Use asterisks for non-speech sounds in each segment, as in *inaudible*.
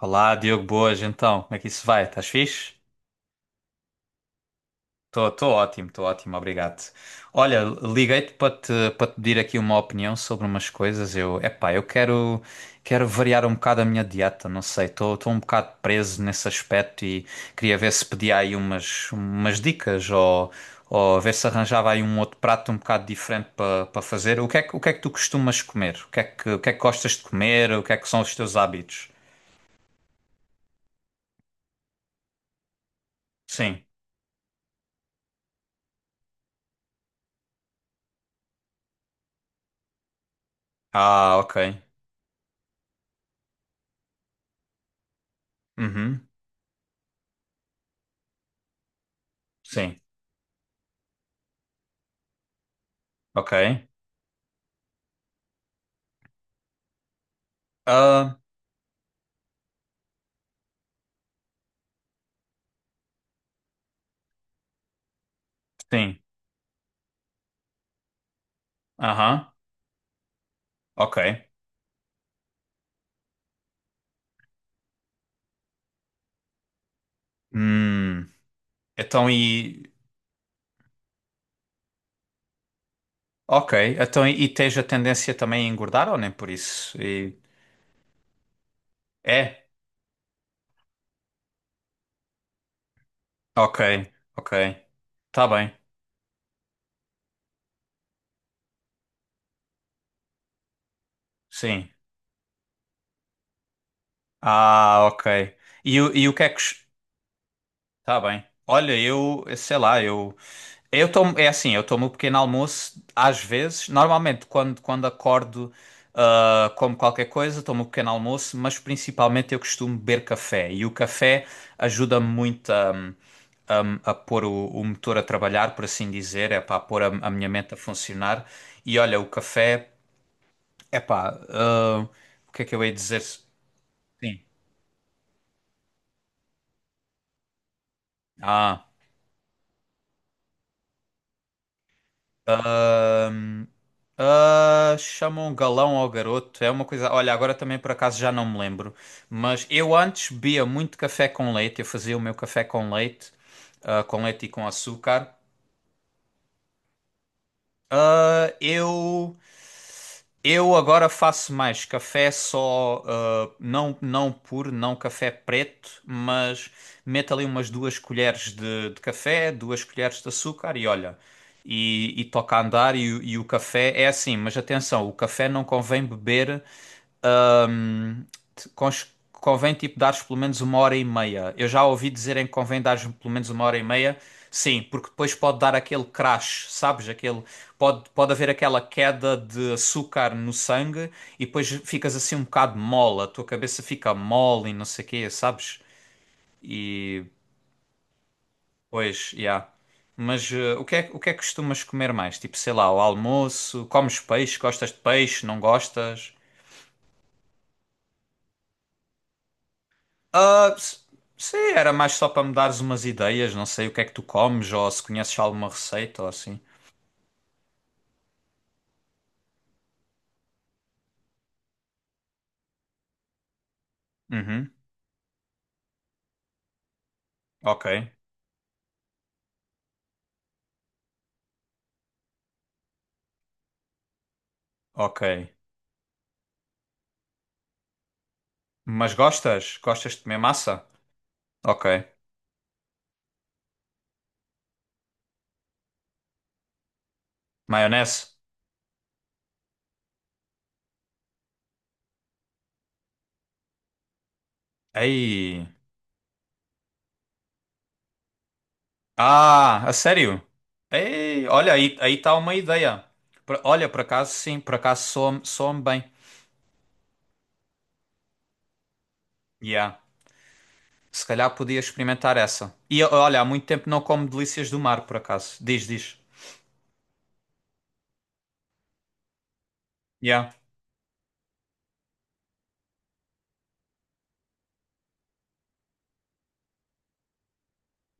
Olá, Diogo, boas, então, como é que isso vai? Estás fixe? Estou ótimo, obrigado. Olha, liguei-te para te pedir aqui uma opinião sobre umas coisas. Eu quero variar um bocado a minha dieta, não sei, estou um bocado preso nesse aspecto e queria ver se pedia aí umas dicas ou ver se arranjava aí um outro prato um bocado diferente para fazer. O que é que tu costumas comer? O que é que gostas de comer? O que é que são os teus hábitos? Sim. Ah, ok. Uhum. Sim, ok. Ah, sim, aham, ok. Hum, então e... Ok, então e tens a tendência também a engordar ou nem por isso? É? Ok, ok. Tá bem, sim. Ah, ok. E o que é que? Tá bem. Olha, eu, sei lá, é assim, eu tomo o pequeno almoço às vezes, normalmente quando acordo, como qualquer coisa, tomo o pequeno almoço, mas principalmente eu costumo beber café e o café ajuda-me muito a, a pôr o motor a trabalhar, por assim dizer, é para pôr a minha mente a funcionar. E olha, o café, é pá, o que é que eu ia dizer? Sim. Ah, Ahm, Ah, chamam galão ao garoto. É uma coisa. Olha, agora também por acaso já não me lembro. Mas eu antes bebia muito café com leite. Eu fazia o meu café com leite, com leite e com açúcar. Ah, eu agora faço mais café só, não puro, não café preto, mas meto ali umas duas colheres de café, duas colheres de açúcar e olha. E toca a andar e, e o café é assim, mas atenção, o café não convém beber. Ahm, Convém tipo dares pelo menos uma hora e meia. Eu já ouvi dizerem que convém dares pelo menos uma hora e meia. Sim, porque depois pode dar aquele crash, sabes? Aquele, pode haver aquela queda de açúcar no sangue e depois ficas assim um bocado mole, a tua cabeça fica mole e não sei o quê, sabes? E pois, já. Mas o que é que costumas comer mais? Tipo, sei lá, o almoço, comes peixe, gostas de peixe, não gostas? Ah, sim, era mais só para me dares umas ideias, não sei o que é que tu comes ou se conheces alguma receita ou assim. Uhum, ok, ok. Mas gostas? Gostas de comer massa? Ok. Maionese? Ei. Ah, a sério? Ei, olha, aí está uma ideia. Olha, por acaso sim, por acaso soa-me bem. Yeah. Se calhar podia experimentar essa. E olha, há muito tempo não como delícias do mar, por acaso. Diz, diz. Yeah.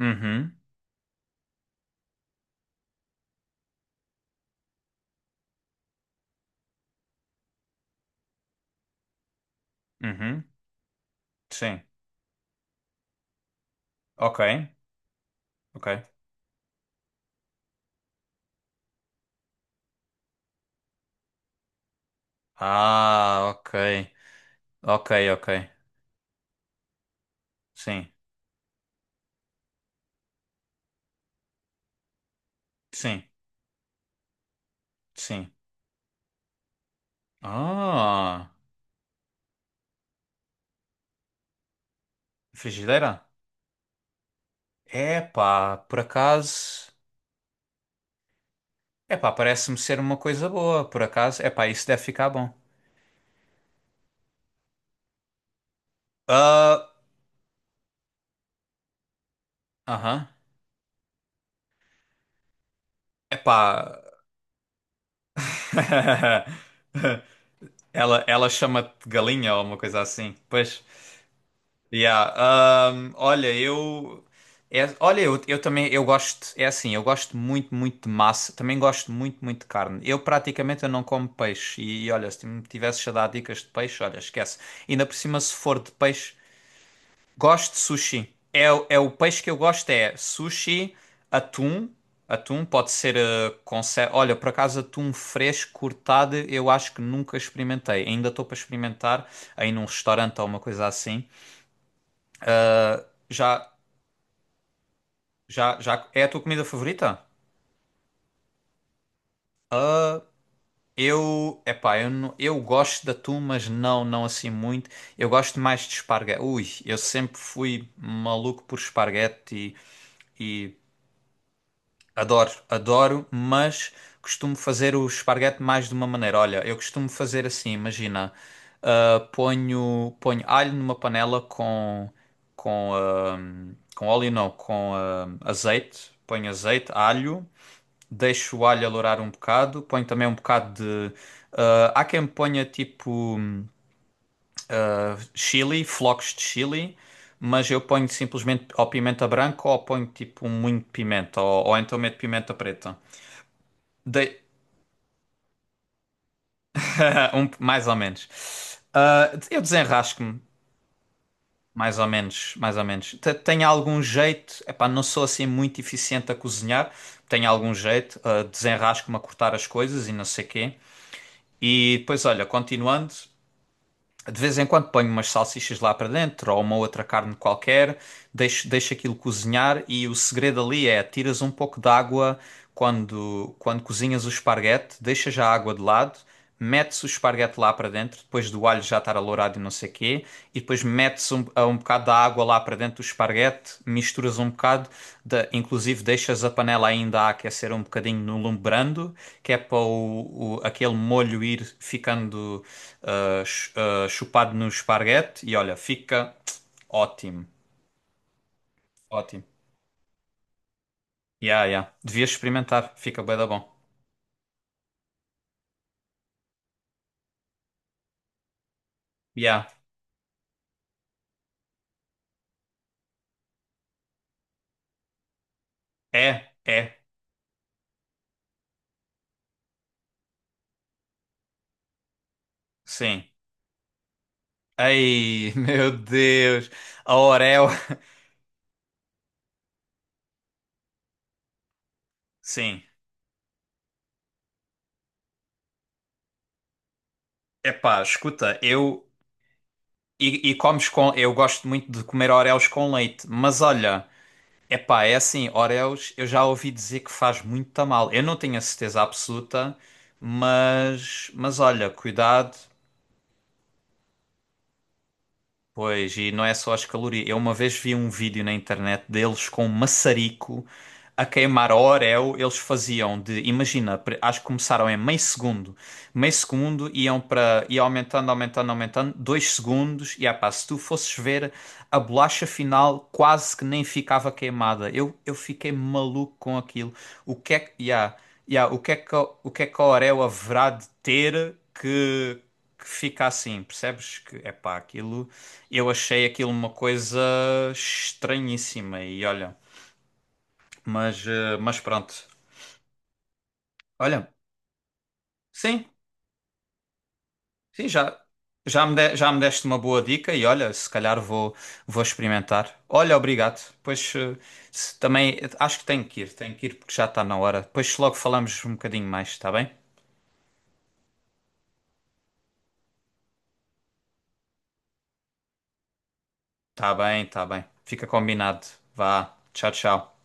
Uhum, uhum, sim. Ok, ok. Ah, ok. Ok, ok. Sim, sim, sim. Ah, frigideira? Epá, por acaso. Epá, parece-me ser uma coisa boa, por acaso. Epá, isso deve ficar bom. Ah, aham. Epá. *laughs* Ela chama-te galinha ou uma coisa assim. Pois. Yeah, olha, eu, olha, eu também, é assim, eu gosto muito, muito de massa, também gosto muito, muito de carne. Eu praticamente eu não como peixe olha, se me tivesses a dar dicas de peixe, olha, esquece. Ainda por cima, se for de peixe, gosto de sushi. É, é o peixe que eu gosto, é sushi, atum, atum pode ser, com olha, por acaso atum fresco, cortado, eu acho que nunca experimentei. Ainda estou para experimentar aí num restaurante ou uma coisa assim. Já já é a tua comida favorita? Eu, epá, eu, não- eu gosto de atum, mas não, não assim muito. Eu gosto mais de esparguete. Ui, eu sempre fui maluco por esparguete e adoro, adoro, mas costumo fazer o esparguete mais de uma maneira. Olha, eu costumo fazer assim, imagina, ponho alho numa panela com, ah, com óleo não, com azeite, ponho azeite, alho. Deixo o alho alourar um bocado, ponho também um bocado de. Há quem ponha tipo chili, flocos de chili, mas eu ponho simplesmente ou pimenta branca ou ponho tipo muito pimenta, ou então meto pimenta preta. Dei- *laughs* mais ou menos. Ah, eu desenrasco-me, mais ou menos, mais ou menos. Tenho algum jeito, epá, não sou assim muito eficiente a cozinhar, tenho algum jeito, desenrasco-me a cortar as coisas e não sei quê. E depois, olha, continuando. De vez em quando ponho umas salsichas lá para dentro ou uma outra carne qualquer, deixo aquilo cozinhar e o segredo ali é tiras um pouco de água quando cozinhas o esparguete, deixas a água de lado, metes o esparguete lá para dentro, depois do alho já estar alourado e não sei quê, e depois metes um bocado da água lá para dentro do esparguete, misturas um bocado, inclusive deixas a panela ainda a aquecer um bocadinho no lume brando, que é para aquele molho ir ficando chupado no esparguete e olha, fica ótimo, ótimo. Yeah, yeah. Devias experimentar, fica bué da bom. Yeah. É, é, sim. Ei, *laughs* meu Deus, a Oreo. *laughs* Sim. Epá, escuta, eu e comes com, eu gosto muito de comer Oreos com leite, mas olha, epá, é assim, Oreos, eu já ouvi dizer que faz muito mal. Eu não tenho a certeza absoluta, mas olha, cuidado. Pois, e não é só as calorias. Eu uma vez vi um vídeo na internet deles com um maçarico a queimar a Oreo. Eles faziam de, imagina, acho que começaram em meio segundo. Meio segundo iam para, ia aumentando, aumentando, aumentando, dois segundos. E ah pá, se tu fosses ver, a bolacha final quase que nem ficava queimada. Eu fiquei maluco com aquilo. O que é que, Yeah, yeah. O que é que, a- o que é que a Oreo haverá de ter que, fica assim? Percebes que, é pá, aquilo. Eu achei aquilo uma coisa estranhíssima e olha, mas pronto. Olha, sim, sim, já me deste uma boa dica e olha, se calhar vou experimentar. Olha, obrigado. Pois também acho que tenho que ir porque já está na hora. Depois logo falamos um bocadinho mais, está bem? Está bem, está bem. Fica combinado. Vá, tchau, tchau.